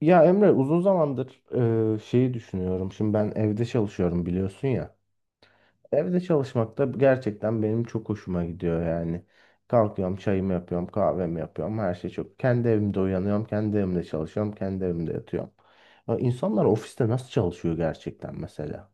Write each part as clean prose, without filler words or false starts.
Ya Emre uzun zamandır şeyi düşünüyorum. Şimdi ben evde çalışıyorum biliyorsun ya. Evde çalışmak da gerçekten benim çok hoşuma gidiyor yani. Kalkıyorum, çayımı yapıyorum, kahvemi yapıyorum. Her şey çok. Kendi evimde uyanıyorum, kendi evimde çalışıyorum, kendi evimde yatıyorum. Ya İnsanlar ofiste nasıl çalışıyor gerçekten mesela?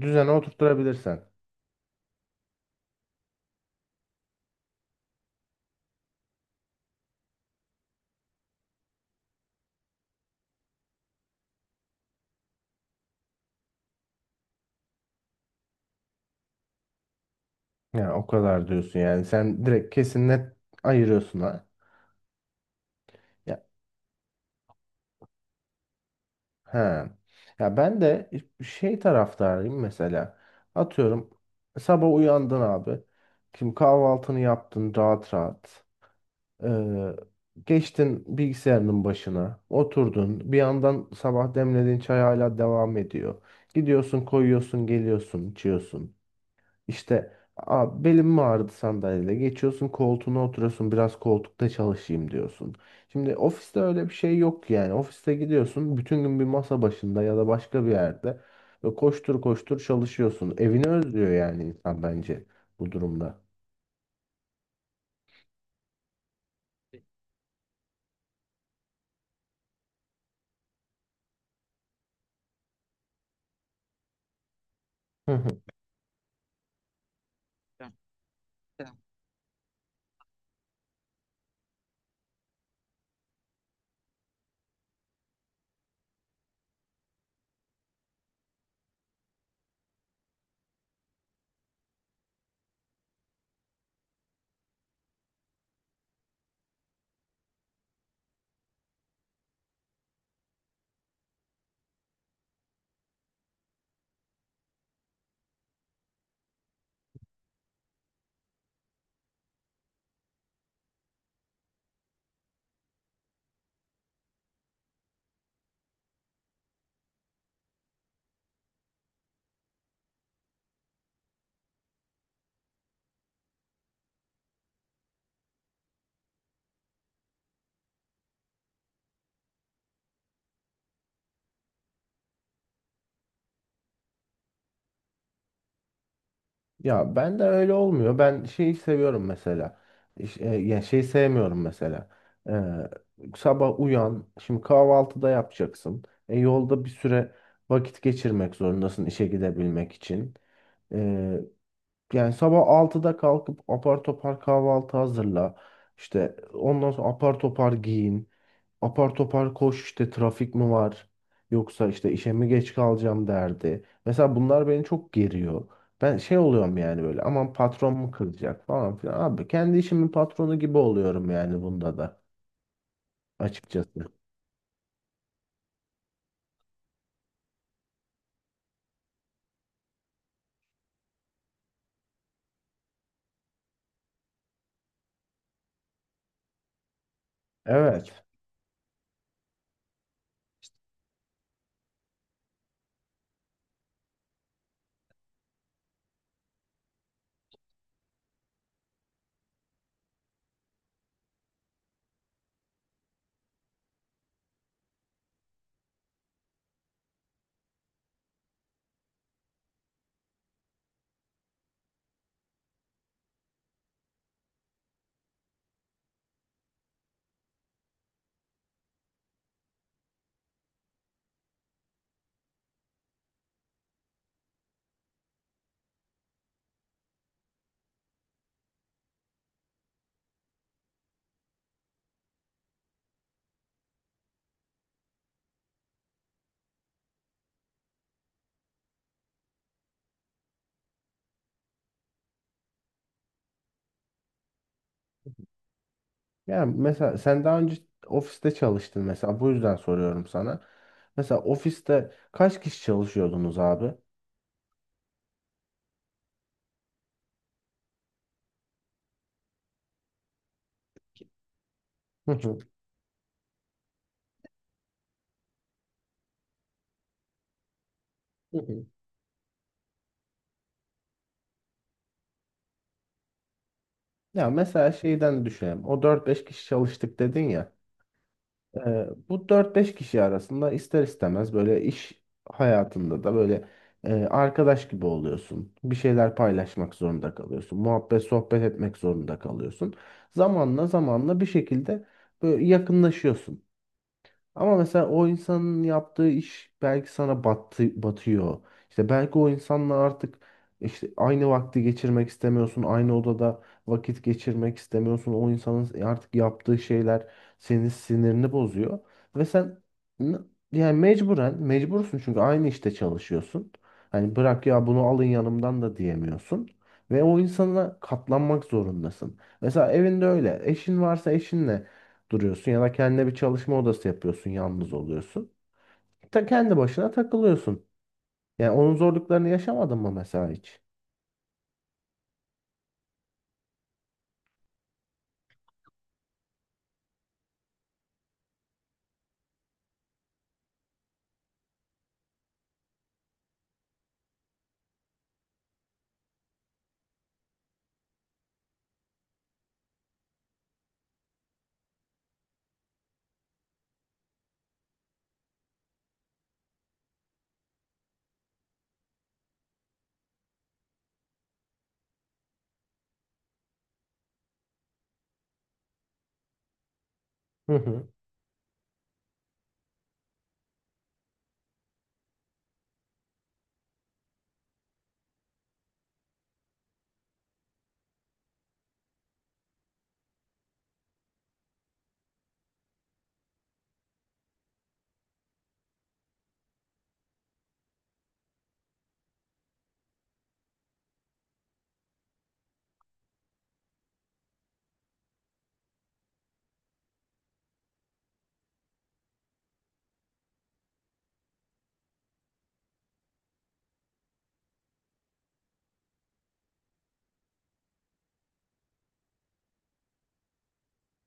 Düzene oturtturabilirsen. Yani o kadar diyorsun yani. Sen direkt kesin net ayırıyorsun ha. He. Ya ben de şey taraftarıyım mesela. Atıyorum sabah uyandın abi. Şimdi kahvaltını yaptın rahat rahat. Ee, geçtin bilgisayarının başına. Oturdun. Bir yandan sabah demlediğin çay hala devam ediyor. Gidiyorsun koyuyorsun geliyorsun içiyorsun. İşte "Aa, belim mi ağrıdı sandalyede?" Geçiyorsun koltuğuna oturuyorsun, biraz koltukta çalışayım diyorsun. Şimdi ofiste öyle bir şey yok yani. Ofiste gidiyorsun bütün gün bir masa başında ya da başka bir yerde ve koştur koştur çalışıyorsun. Evini özlüyor yani insan bence bu durumda. Hı hı. Ya ben de öyle olmuyor. Ben şeyi seviyorum mesela. Ya şeyi sevmiyorum mesela. Sabah uyan, şimdi kahvaltıda yapacaksın. E, yolda bir süre vakit geçirmek zorundasın işe gidebilmek için. Ee, yani sabah 6'da kalkıp apar topar kahvaltı hazırla. İşte ondan sonra apar topar giyin, apar topar koş, işte trafik mi var yoksa işte işe mi geç kalacağım derdi. Mesela bunlar beni çok geriyor. Ben şey oluyorum yani böyle, aman patron mu kızacak falan filan. Abi kendi işimin patronu gibi oluyorum yani bunda da açıkçası. Evet. Yani mesela sen daha önce ofiste çalıştın mesela, bu yüzden soruyorum sana. Mesela ofiste kaç kişi çalışıyordunuz abi? Hı hı. Hı hı. Ya mesela şeyden düşünelim. O dört beş kişi çalıştık dedin ya. Bu dört beş kişi arasında ister istemez böyle iş hayatında da böyle arkadaş gibi oluyorsun. Bir şeyler paylaşmak zorunda kalıyorsun. Muhabbet, sohbet etmek zorunda kalıyorsun. Zamanla zamanla bir şekilde böyle yakınlaşıyorsun. Ama mesela o insanın yaptığı iş belki sana battı, batıyor. İşte belki o insanla artık işte aynı vakti geçirmek istemiyorsun. Aynı odada vakit geçirmek istemiyorsun. O insanın artık yaptığı şeyler senin sinirini bozuyor. Ve sen n- yani mecburen mecbursun, çünkü aynı işte çalışıyorsun. Hani bırak ya, bunu alın yanımdan da diyemiyorsun. Ve o insana katlanmak zorundasın. Mesela evinde öyle. Eşin varsa eşinle duruyorsun ya da kendine bir çalışma odası yapıyorsun, yalnız oluyorsun. Ta kendi başına takılıyorsun. Yani onun zorluklarını yaşamadın mı mesela hiç? Hı hı.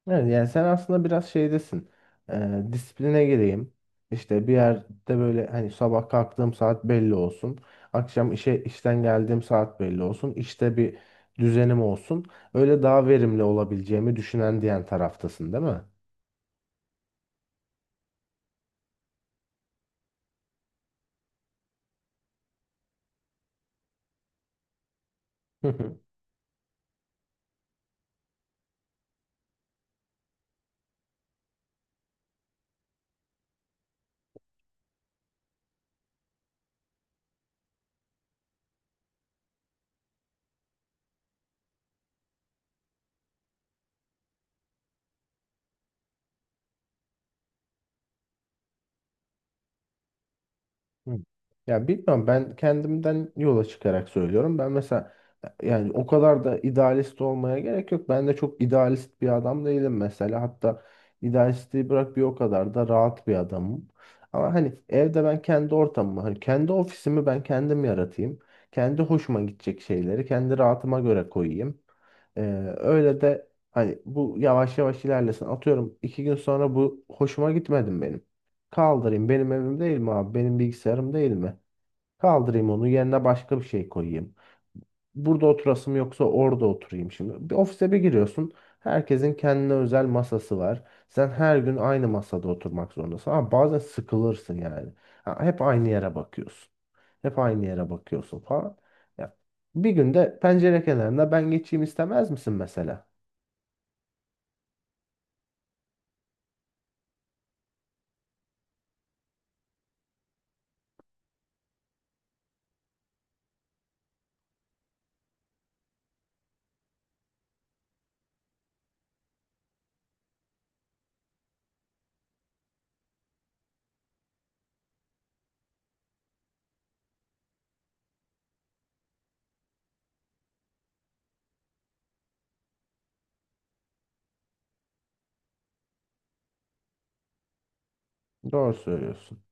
Evet, yani sen aslında biraz şeydesin. Disipline gireyim. İşte bir yerde böyle hani sabah kalktığım saat belli olsun. Akşam işe işten geldiğim saat belli olsun. İşte bir düzenim olsun. Öyle daha verimli olabileceğimi düşünen, diyen taraftasın, değil mi? Hı. Ya bilmiyorum, ben kendimden yola çıkarak söylüyorum. Ben mesela yani o kadar da idealist olmaya gerek yok. Ben de çok idealist bir adam değilim mesela. Hatta idealistliği bırak, bir o kadar da rahat bir adamım. Ama hani evde ben kendi ortamımı, hani kendi ofisimi ben kendim yaratayım. Kendi hoşuma gidecek şeyleri kendi rahatıma göre koyayım. Ee, öyle de hani bu yavaş yavaş ilerlesin. Atıyorum 2 gün sonra bu hoşuma gitmedim benim. Kaldırayım. Benim evim değil mi abi? Benim bilgisayarım değil mi? Kaldırayım onu. Yerine başka bir şey koyayım. Burada oturasım yoksa orada oturayım şimdi. Bir ofise bir giriyorsun. Herkesin kendine özel masası var. Sen her gün aynı masada oturmak zorundasın. Ama bazen sıkılırsın yani. Ha, hep aynı yere bakıyorsun. Hep aynı yere bakıyorsun falan. Ya, bir günde pencere kenarında ben geçeyim istemez misin mesela? Doğru söylüyorsun.